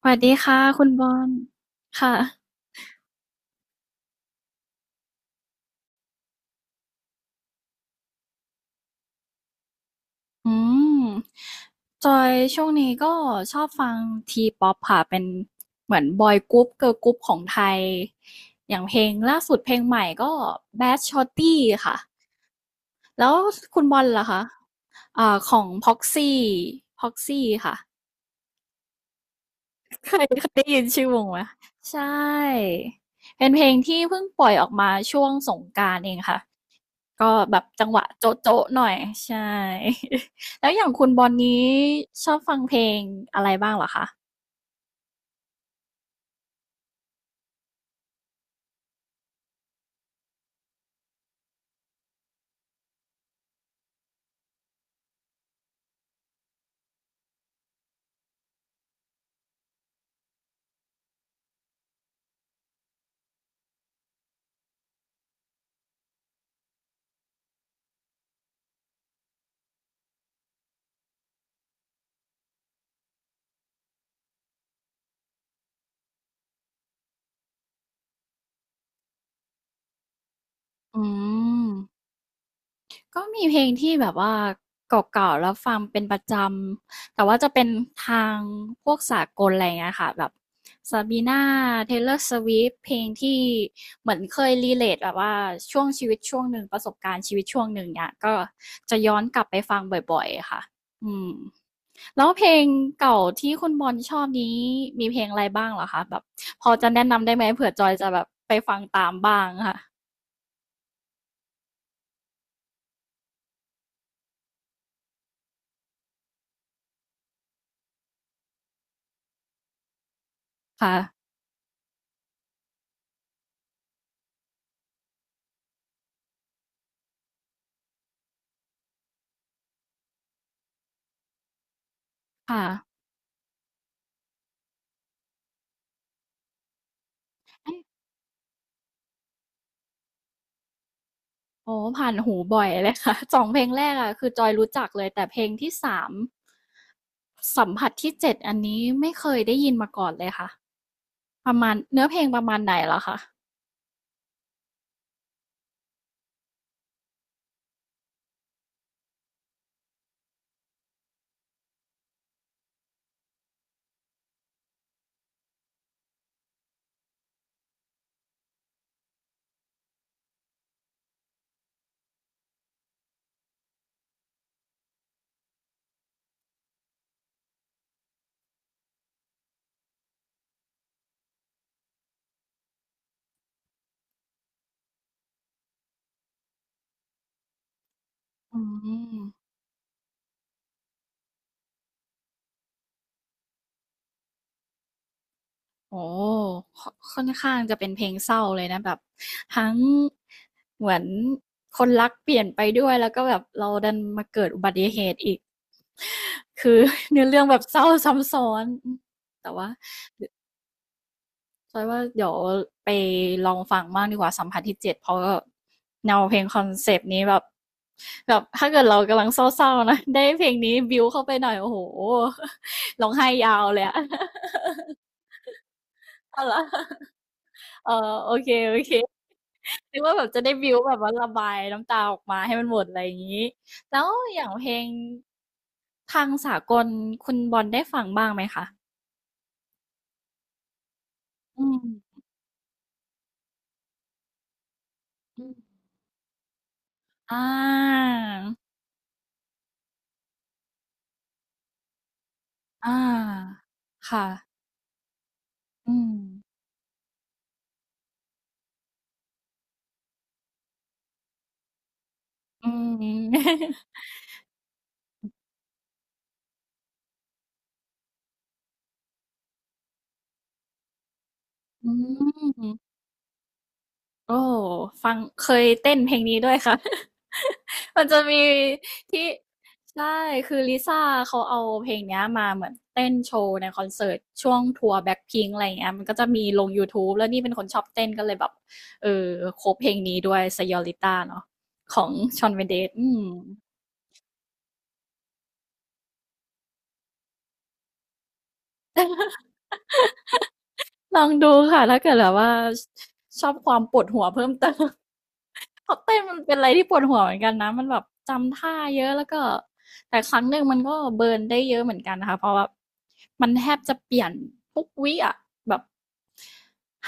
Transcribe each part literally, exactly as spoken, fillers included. สวัสดีค่ะคุณบอลค่ะอืมจอยช่วงนี้ก็ชอบฟังทีป๊อปค่ะเป็นเหมือนบอยกรุ๊ปเกิร์ลกรุ๊ปของไทยอย่างเพลงล่าสุดเพลงใหม่ก็ Bad Shorty ค่ะแล้วคุณบอลล่ะคะอ่าของ Proxy Proxy ค่ะเคยเคยได้ยินชื่อวงไหมใช่เป็นเพลงที่เพิ่งปล่อยออกมาช่วงสงกรานต์เองค่ะ ก็แบบจังหวะโจ๊ะๆหน่อยใช่ แล้วอย่างคุณบอลนี้ชอบฟังเพลงอะไรบ้างเหรอคะอืม ก็มีเพลงที่แบบว่าเก่าๆแล้วฟังเป็นประจำแต่ว่าจะเป็นทางพวกสากลอะไรเงี้ยค่ะแบบซาบีน่าเทย์เลอร์สวเพลงที่เหมือนเคยรีเลทแบบว่าช่วงชีวิตช่วงหนึ่งประสบการณ์ชีวิตช่วงหนึ่งเนี่ยก็จะย้อนกลับไปฟังบ่อยๆค่ะอืมแล้วเพลงเก่าที่คุณบอลชอบนี้มีเพลงอะไรบ้างเหรอคะแบบพอจะแนะนำได้ไหมเผื่อจอยจะแบบไปฟังตามบ้างค่ะค่ะค่ะ อ๋อผ่านหูบ่อยเลยค่ะ สองเพลงแรกอะคือจอยรู้จักเลยแต่เพลงที่สามสัมผัสที่เจ็ดอันนี้ไม่เคยได้ยินมาก่อนเลยค่ะประมาณเนื้อเพลงประมาณไหนเหรอคะอืมโอ้โฮคอค่อนข้างจะเป็นเพลงเศร้าเลยนะแบบทั้งเหมือนคนรักเปลี่ยนไปด้วยแล้วก็แบบเราดันมาเกิดอุบัติเหตุอีกคือ เนื้อเรื่องแบบเศร้าซ้ำซ้อนแต่ว่า จอยว่าเดี๋ยวไปลองฟังบ้างดีกว่าสัมผัสที่เจ็ดเพราะแนวเพลงคอนเซปต์นี้แบบแบบถ้าเกิดเรากำลังเศร้าๆนะได้เพลงนี้บิวเข้าไปหน่อยโอ้โหร้องไห้ยาวเลยอะเอาละเออโอเคโอเคนึกว่าแบบจะได้บิวแบบว่าระบายน้ำตาออกมาให้มันหมดอะไรอย่างนี้แล้วอย่างเพลงทางสากลคุณบอลได้ฟังบ้างไหมคะอืมอืมอ่าอ่าค่ะ อืมอืม อืมโอ้ฟังเคยเต้นเพลงนี้ด้วยค่ะ มันจะมีที่ใช่คือลิซ่าเขาเอาเพลงเนี้ยมาเหมือนเต้นโชว์ในคอนเสิร์ตช่วงทัวร์แบ็คพิงอะไรอย่างเงี้ยมันก็จะมีลงยูทูบแล้วนี่เป็นคนชอบเต้นก็เลยแบบเออโคบเพลงนี้ด้วย Señorita เนาะของ Shawn น e n d e อืม ลองดูค่ะถ้าเกิดแบบว่าชอบความปวดหัวเพิ่มเติม เพราะเต้นมันเป็นอะไรที่ปวดหัวเหมือนกันนะมันแบบจำท่าเยอะแล้วก็แต่ครั้งหนึ่งมันก็เบิร์นได้เยอะเหมือนกันนะคะเพราะว่ามันแทบจะเปลี่ยนทุกวิอ่ะแบบ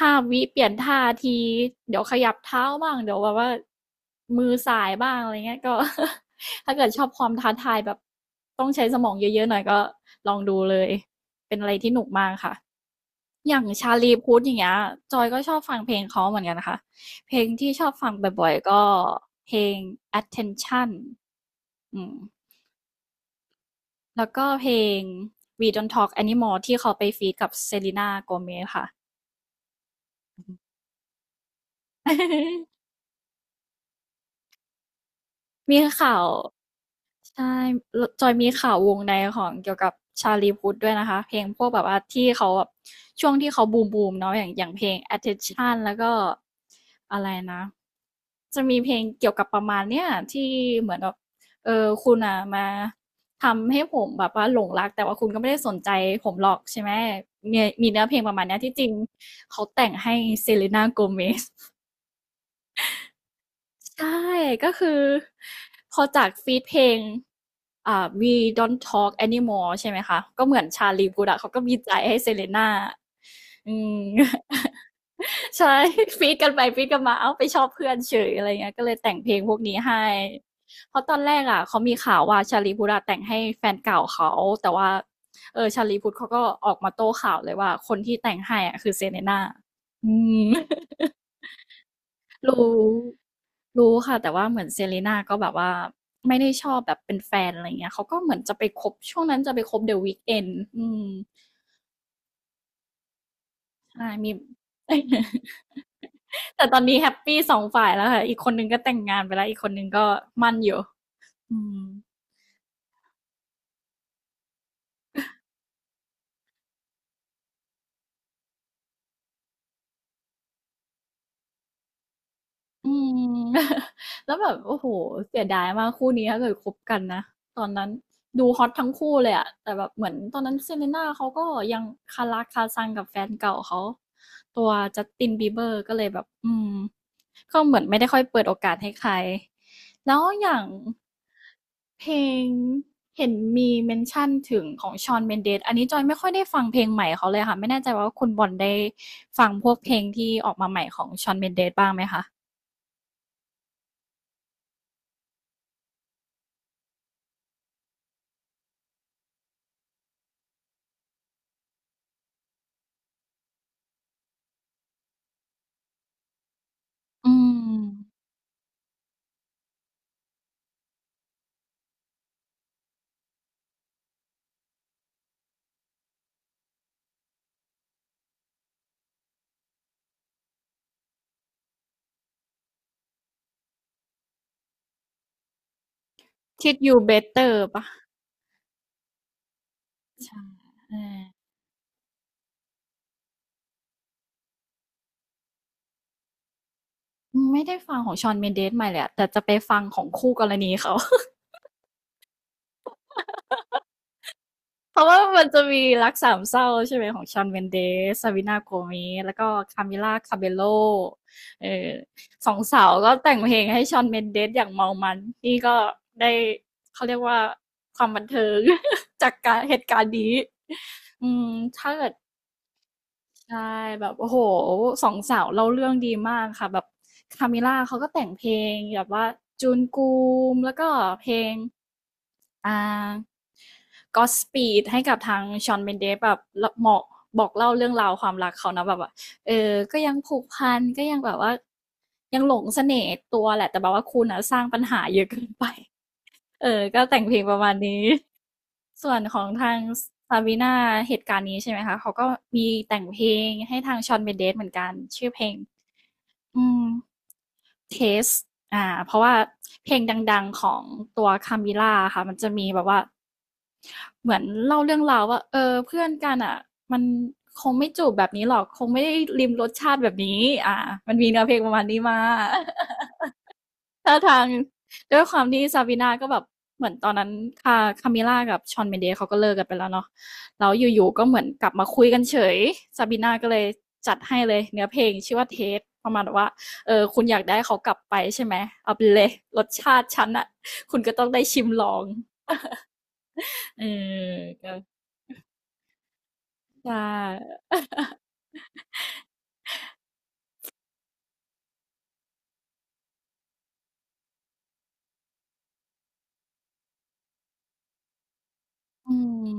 ห้าวิเปลี่ยนท่าที เดี๋ยวขยับเท้าบ้างเดี๋ยวแบบว่ามือสายบ้างอะไรเงี้ยก็ ถ้าเกิดชอบความท้าทายแบบต้องใช้สมองเยอะๆหน่อยก็ลองดูเลย เป็นอะไรที่หนุกมากค่ะ อย่างชาลีพุทธอย่างเงี้ยจอยก็ชอบฟังเพลงเขาเหมือนกันนะคะ เพลงที่ชอบฟังบ่อยๆ ก็เพลง attention อืมแล้วก็เพลง we don't talk anymore ที่เขาไปฟีดกับเซรีนาโกเมซค่ะ มีข่าว ใช่ จอยมีข่าววงในของเกี่ยวกับชาลีพุทธด้วยนะคะ เพลงพวกแบบว่าที่เขาแบบช่วงที่เขาบูมบูมเนาะอย่างอย่างเพลง attention แล้วก็อะไรนะ จะมีเพลงเกี่ยวกับประมาณเนี้ยที่เหมือนแบบเออคุณอ่ะมาทำให้ผมแบบว่าหลงรักแต่ว่าคุณก็ไม่ได้สนใจผมหรอกใช่ไหม มีมีเนื้อเพลงประมาณเนี้ยที่จริงเขาแต่งให้เซเลน่าโกเมซ ใช่ก็คือพอจากฟีตเพลงอ่า We Don't Talk Anymore ใช่ไหมคะก็เหมือนชาลีพูทอะเขาก็มีใจให้เซเลน่าอืม ใช่ฟีตกันไปฟีตกันมาอ้าวไปชอบเพื่อนเฉยอะไรเงี้ยก็เลยแต่งเพลงพวกนี้ให้เพราะตอนแรกอะเขามีข่าวว่าชาลีพูทอะแต่งให้แฟนเก่าเขาแต่ว่าเออชาลีพูทเขาก็ออกมาโต้ข่าวเลยว่าคนที่แต่งให้อะคือเซเลน่าอืม รู้รู้ค่ะแต่ว่าเหมือน Selena ก็แบบว่าไม่ได้ชอบแบบเป็นแฟนอะไรอย่างเงี้ยเขาก็เหมือนจะไปคบช่วงนั้นจะไปคบ The Weeknd อืมใช่มี แต่ตอนนี้แฮปปีสองฝ่ายแล้วค่ะอีกคนหนึ่งก็แต่งงานไปแล้วอีกคนหนึ่งก็มั่นอยู่อืม อืม แล้วแบบโอ้โหเสียดายมากคู่นี้ถ้าเกิดคบกันนะตอนนั้นดูฮอตทั้งคู่เลยอะแต่แบบเหมือนตอนนั้น Selena เลน่าเขาก็ยังคาราคาซังกับแฟนเก่าเขาตัว Justin Bieber ก็เลยแบบอืมก็เหมือนไม่ได้ค่อยเปิดโอกาสให้ใครแล้วอย่างเพลงเห็นมีเมนชั่นถึงของ Shawn Mendes อันนี้จอยไม่ค่อยได้ฟังเพลงใหม่เขาเลยค่ะไม่แน่ใจว่าคุณบอลได้ฟังพวกเพลงที่ออกมาใหม่ของชอนเ n นเด d บ้างไหมคะอืม t ิด a t You Better ป่ะใช่ไม่ได้ฟังของชอนเมนเดสใหม่เลยอะแต่จะไปฟังของคู่กรณีเขา เพราะว่ามันจะมีรักสามเศร้าใช่ไหมของชอนเมนเดสซาวินาโกเมสแล้วก็คามิล่าคาเบโลเออสองสาวก็แต่งเพลงให้ชอนเมนเดสอย่างเมามันนี่ก็ได้เขาเรียกว่าความบันเทิง จากการเหตุการณ์นี้ถ้าเกิด ใช่แบบโอ้โฮสองสาวเล่าเรื่องดีมากค่ะแบบ Camila เขาก็แต่งเพลงแบบว่า Jungkook แล้วก็เพลงอ่า Godspeed ให้กับทาง Shawn Mendes แบบลเหมาะบอกเล่าเรื่องราวความรักเขาเนาะแบบว่าเออก็ยังผูกพันก็ยังแบบว่ายังหลงเสน่ห์ตัวแหละแต่แบบว่าคุณน่ะสร้างปัญหาเยอะเกินไปเออก็แต่งเพลงประมาณนี้ ส่วนของทาง Sabrina เหตุการณ์นี้ใช่ไหมคะเขาก็มีแต่งเพลงให้ทาง Shawn Mendes เมนเดสเหมือนกันชื่อเพลงอืม Taste อ่าเพราะว่าเพลงดังๆของตัว Camila ค่ะมันจะมีแบบว่าเหมือนเล่าเรื่องราวว่าเออเพื่อนกันอ่ะมันคงไม่จูบแบบนี้หรอกคงไม่ได้ลิมรสชาติแบบนี้อ่ามันมีเนื้อเพลงประมาณนี้มา ท่าทางด้วยความที่ซาบีนาก็แบบเหมือนตอนนั้นคาคามิล่ากับชอนเมนเดสเขาก็เลิกกันไปแล้วเนาะแล้วอยู่ๆก็เหมือนกลับมาคุยกันเฉยซาบีนาก็เลยจัดให้เลยเนื้อเพลงชื่อว่าเทสประมาณว่าเออคุณอยากได้เขากลับไปใช่ไหมเอาไปเลยรสชาติฉันอะคุณก็ต้องได้ชิมลองเออก็ใช่ อืม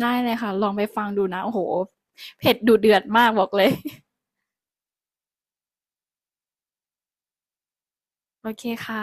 ได้เลยค่ะลองไปฟังดูนะโอ้โหเผ็ดดูเดือดมากบอกเลย โอเคค่ะ